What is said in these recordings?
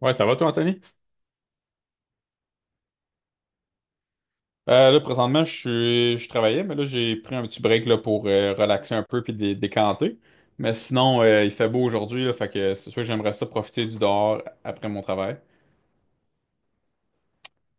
Ouais, ça va toi, Anthony? Là, présentement, je travaillais, mais là, j'ai pris un petit break là, pour relaxer un peu puis décanter. Mais sinon, il fait beau aujourd'hui, là, fait que c'est sûr que j'aimerais ça profiter du dehors après mon travail.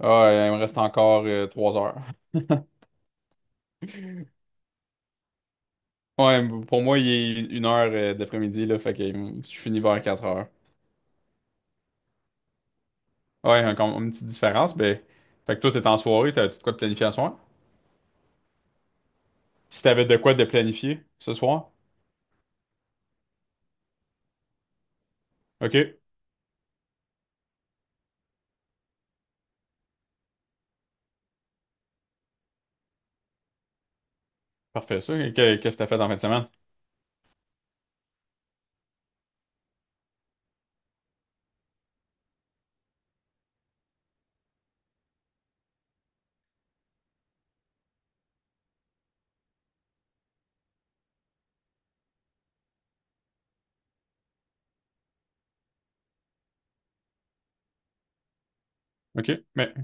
Ah, il me reste encore 3 heures. Ouais, pour moi, il est 1 heure d'après-midi, là, fait que je finis vers 4 heures. Ouais, comme une petite différence, mais... Fait que toi, t'es en soirée, t'as-tu de quoi de planifier ce soir? Si t'avais de quoi de planifier ce soir? OK, parfait, ça. Qu'est-ce que t'as fait dans la fin de semaine? OK, mais...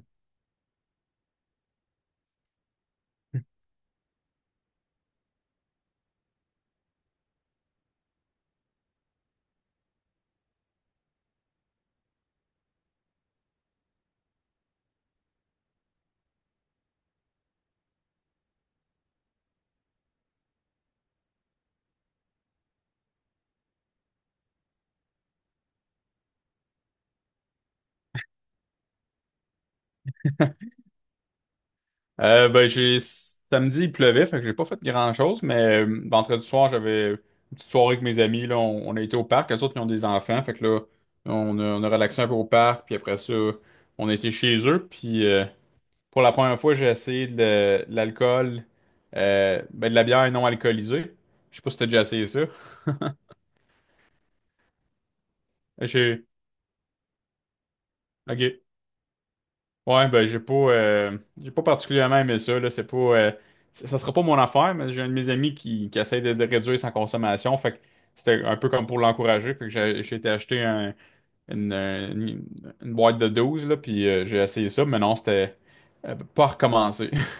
Ben, j'ai samedi, il pleuvait, fait que j'ai pas fait grand-chose, mais vendredi soir, j'avais une petite soirée avec mes amis. Là, on a été au parc, eux autres, ils ont des enfants, fait que là, on a relaxé un peu au parc, puis après ça, on a été chez eux, puis pour la première fois, j'ai essayé de l'alcool, ben, de la bière non alcoolisée. Je sais pas si t'as déjà essayé ça. J'ai... OK. Ouais, ben j'ai pas particulièrement aimé ça, là. C'est pas ça sera pas mon affaire, mais j'ai un de mes amis qui essaie de réduire sa consommation. Fait que c'était un peu comme pour l'encourager. Fait que j'ai été acheter une, euh, une- une boîte de 12 là, puis j'ai essayé ça, mais non, c'était pas recommencé.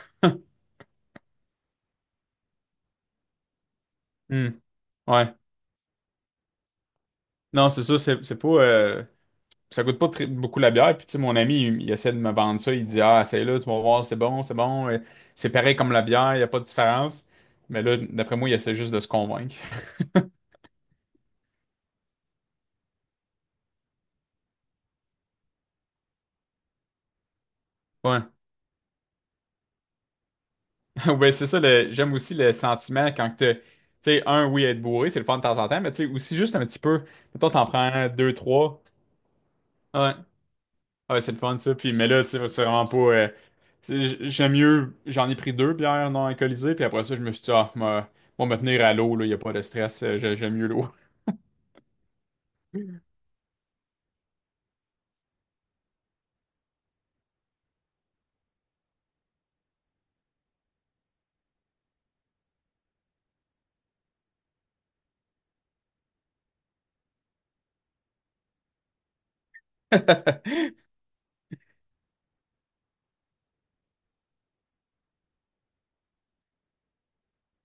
Hmm. Ouais. Non, c'est ça, c'est pas. Ça coûte pas beaucoup la bière. Puis, tu sais, mon ami, il essaie de me vendre ça. Il dit, ah, c'est là, tu vas voir, c'est bon, c'est bon. Et c'est pareil comme la bière, il n'y a pas de différence. Mais là, d'après moi, il essaie juste de se convaincre. Ouais. Ouais, c'est ça, j'aime aussi le sentiment quand que tu sais, oui, être bourré, c'est le fun de temps en temps, mais tu sais, aussi juste un petit peu. Mettons, t'en prends deux, trois. Ouais. Ouais, c'est le fun, ça. Puis, mais là, tu sais, c'est vraiment pas. J'aime mieux, j'en ai pris deux bières non alcoolisées, puis après ça, je me suis dit, ah, moi, me tenir à l'eau, là, y a pas de stress, j'aime mieux l'eau.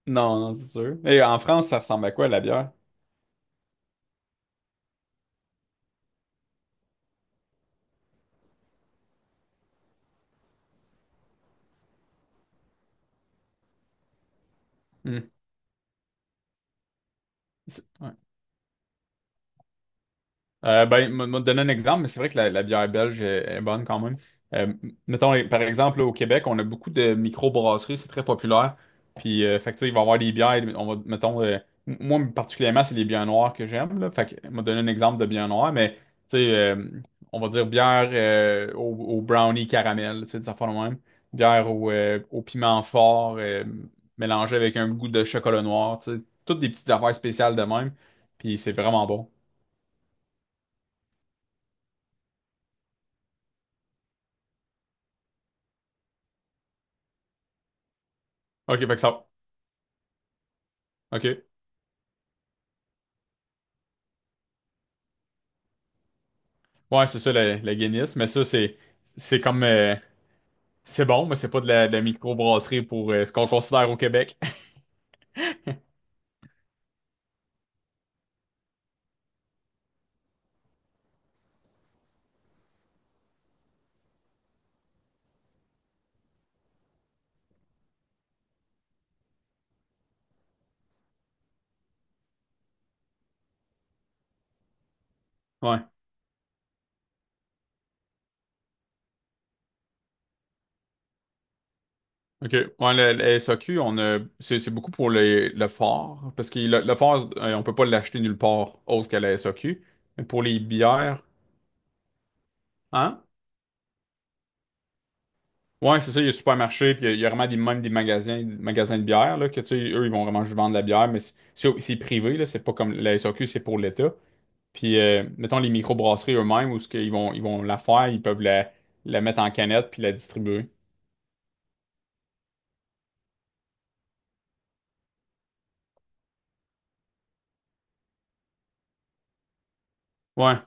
Non, non, c'est sûr. Et en France, ça ressemble à quoi la bière? Hmm. Ouais. Ben, moi, te donner un exemple, mais c'est vrai que la bière belge est bonne quand même. Euh, mettons, par exemple, là, au Québec, on a beaucoup de micro-brasseries, c'est très populaire. Puis, fait que, tu sais, il va y avoir des bières, on va, mettons, moi, particulièrement, c'est les bières noires que j'aime, là. Fait que, m'a donné un exemple de bière noire, mais, tu sais, on va dire bière au, brownie caramel, tu sais, des affaires de même. Bière au piment fort, mélangée avec un goût de chocolat noir, tu sais. Toutes des petites affaires spéciales de même. Puis, c'est vraiment bon. OK, fait que ça. OK. Ouais, c'est ça, la Guinness. Mais ça, c'est comme, c'est bon, mais c'est pas de la microbrasserie pour ce qu'on considère au Québec. Ouais. OK. Ouais, le SAQ, on a, c'est beaucoup pour le fort, parce que le fort, on peut pas l'acheter nulle part autre qu'à la SAQ. Mais pour les bières, hein? Ouais, c'est ça, il y a supermarché, puis il y a vraiment des, même des magasins de bière, là, que tu sais, eux, ils vont vraiment juste vendre de la bière, mais c'est privé, là, c'est pas comme la SAQ, c'est pour l'État. Puis, mettons, les microbrasseries eux-mêmes, où ce qu'ils vont, ils vont la faire, ils peuvent la mettre en canette puis la distribuer. Ouais.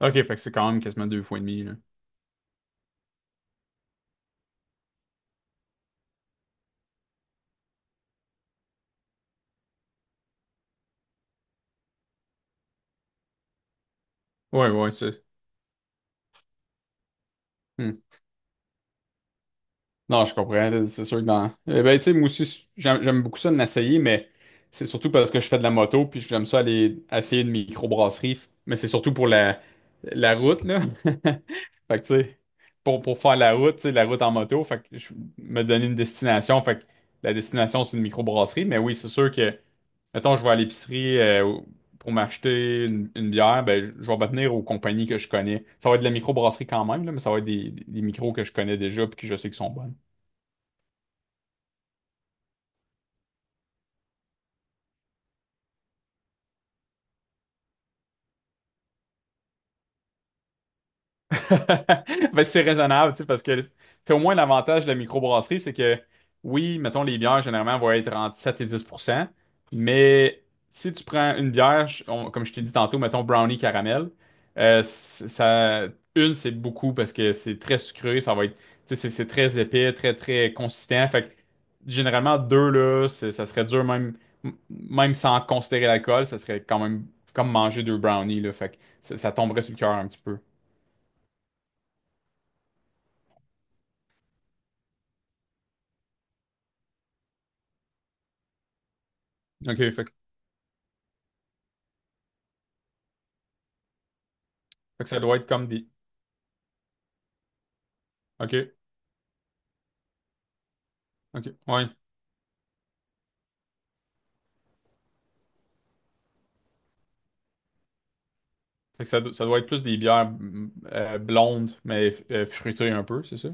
OK, fait que c'est quand même quasiment deux fois et demi, là. Ouais, ouais, hmm. Non, je comprends. C'est sûr que dans. Eh ben, tu sais, moi aussi, j'aime beaucoup ça de l'essayer, mais c'est surtout parce que je fais de la moto, puis j'aime ça aller essayer une microbrasserie. Mais c'est surtout pour la route, là. Fait que, tu sais, pour faire la route, tu sais, la route en moto, fait que je me donner une destination. Fait que la destination, c'est une microbrasserie. Mais oui, c'est sûr que, mettons, je vais à l'épicerie pour m'acheter une bière, ben, je vais me tenir aux compagnies que je connais. Ça va être de la microbrasserie quand même, là, mais ça va être des micros que je connais déjà, puis que je sais qu'ils sont bonnes. Ben, c'est raisonnable, tu sais, parce que puis au moins l'avantage de la microbrasserie, c'est que oui, mettons, les bières généralement vont être entre 7 et 10 % mais si tu prends une bière, comme je t'ai dit tantôt, mettons brownie caramel, ça, une, c'est beaucoup parce que c'est très sucré, ça va être, tu sais, c'est très épais, très, très consistant. Fait que généralement, deux, là, ça serait dur, même, même sans considérer l'alcool, ça serait quand même comme manger deux brownies, là. Fait que ça tomberait sur le cœur un petit peu. Ok, Fait que ça doit être comme des. OK. OK. Ouais. Fait que ça doit être plus des bières blondes, mais fruitées un peu, c'est ça?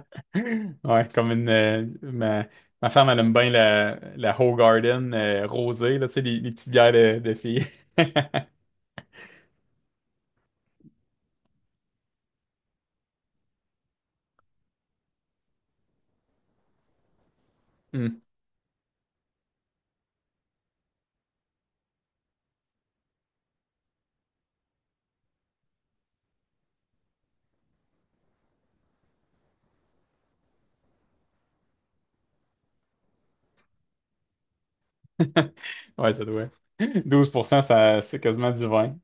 Ouais, comme une. Ma femme, elle aime bien la Hoegaarden rosée, là, tu sais, les petites bières de filles. Hmm. Ouais, ça doit. 12 % ça, c'est quasiment du vin.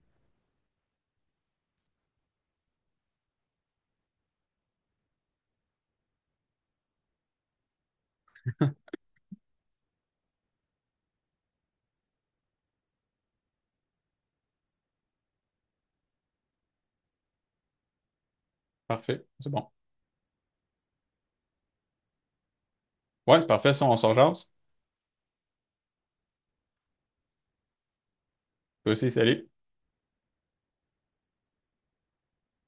Parfait. C'est bon. Ouais, c'est parfait. Ça, on s'en jase. Toi aussi, salut.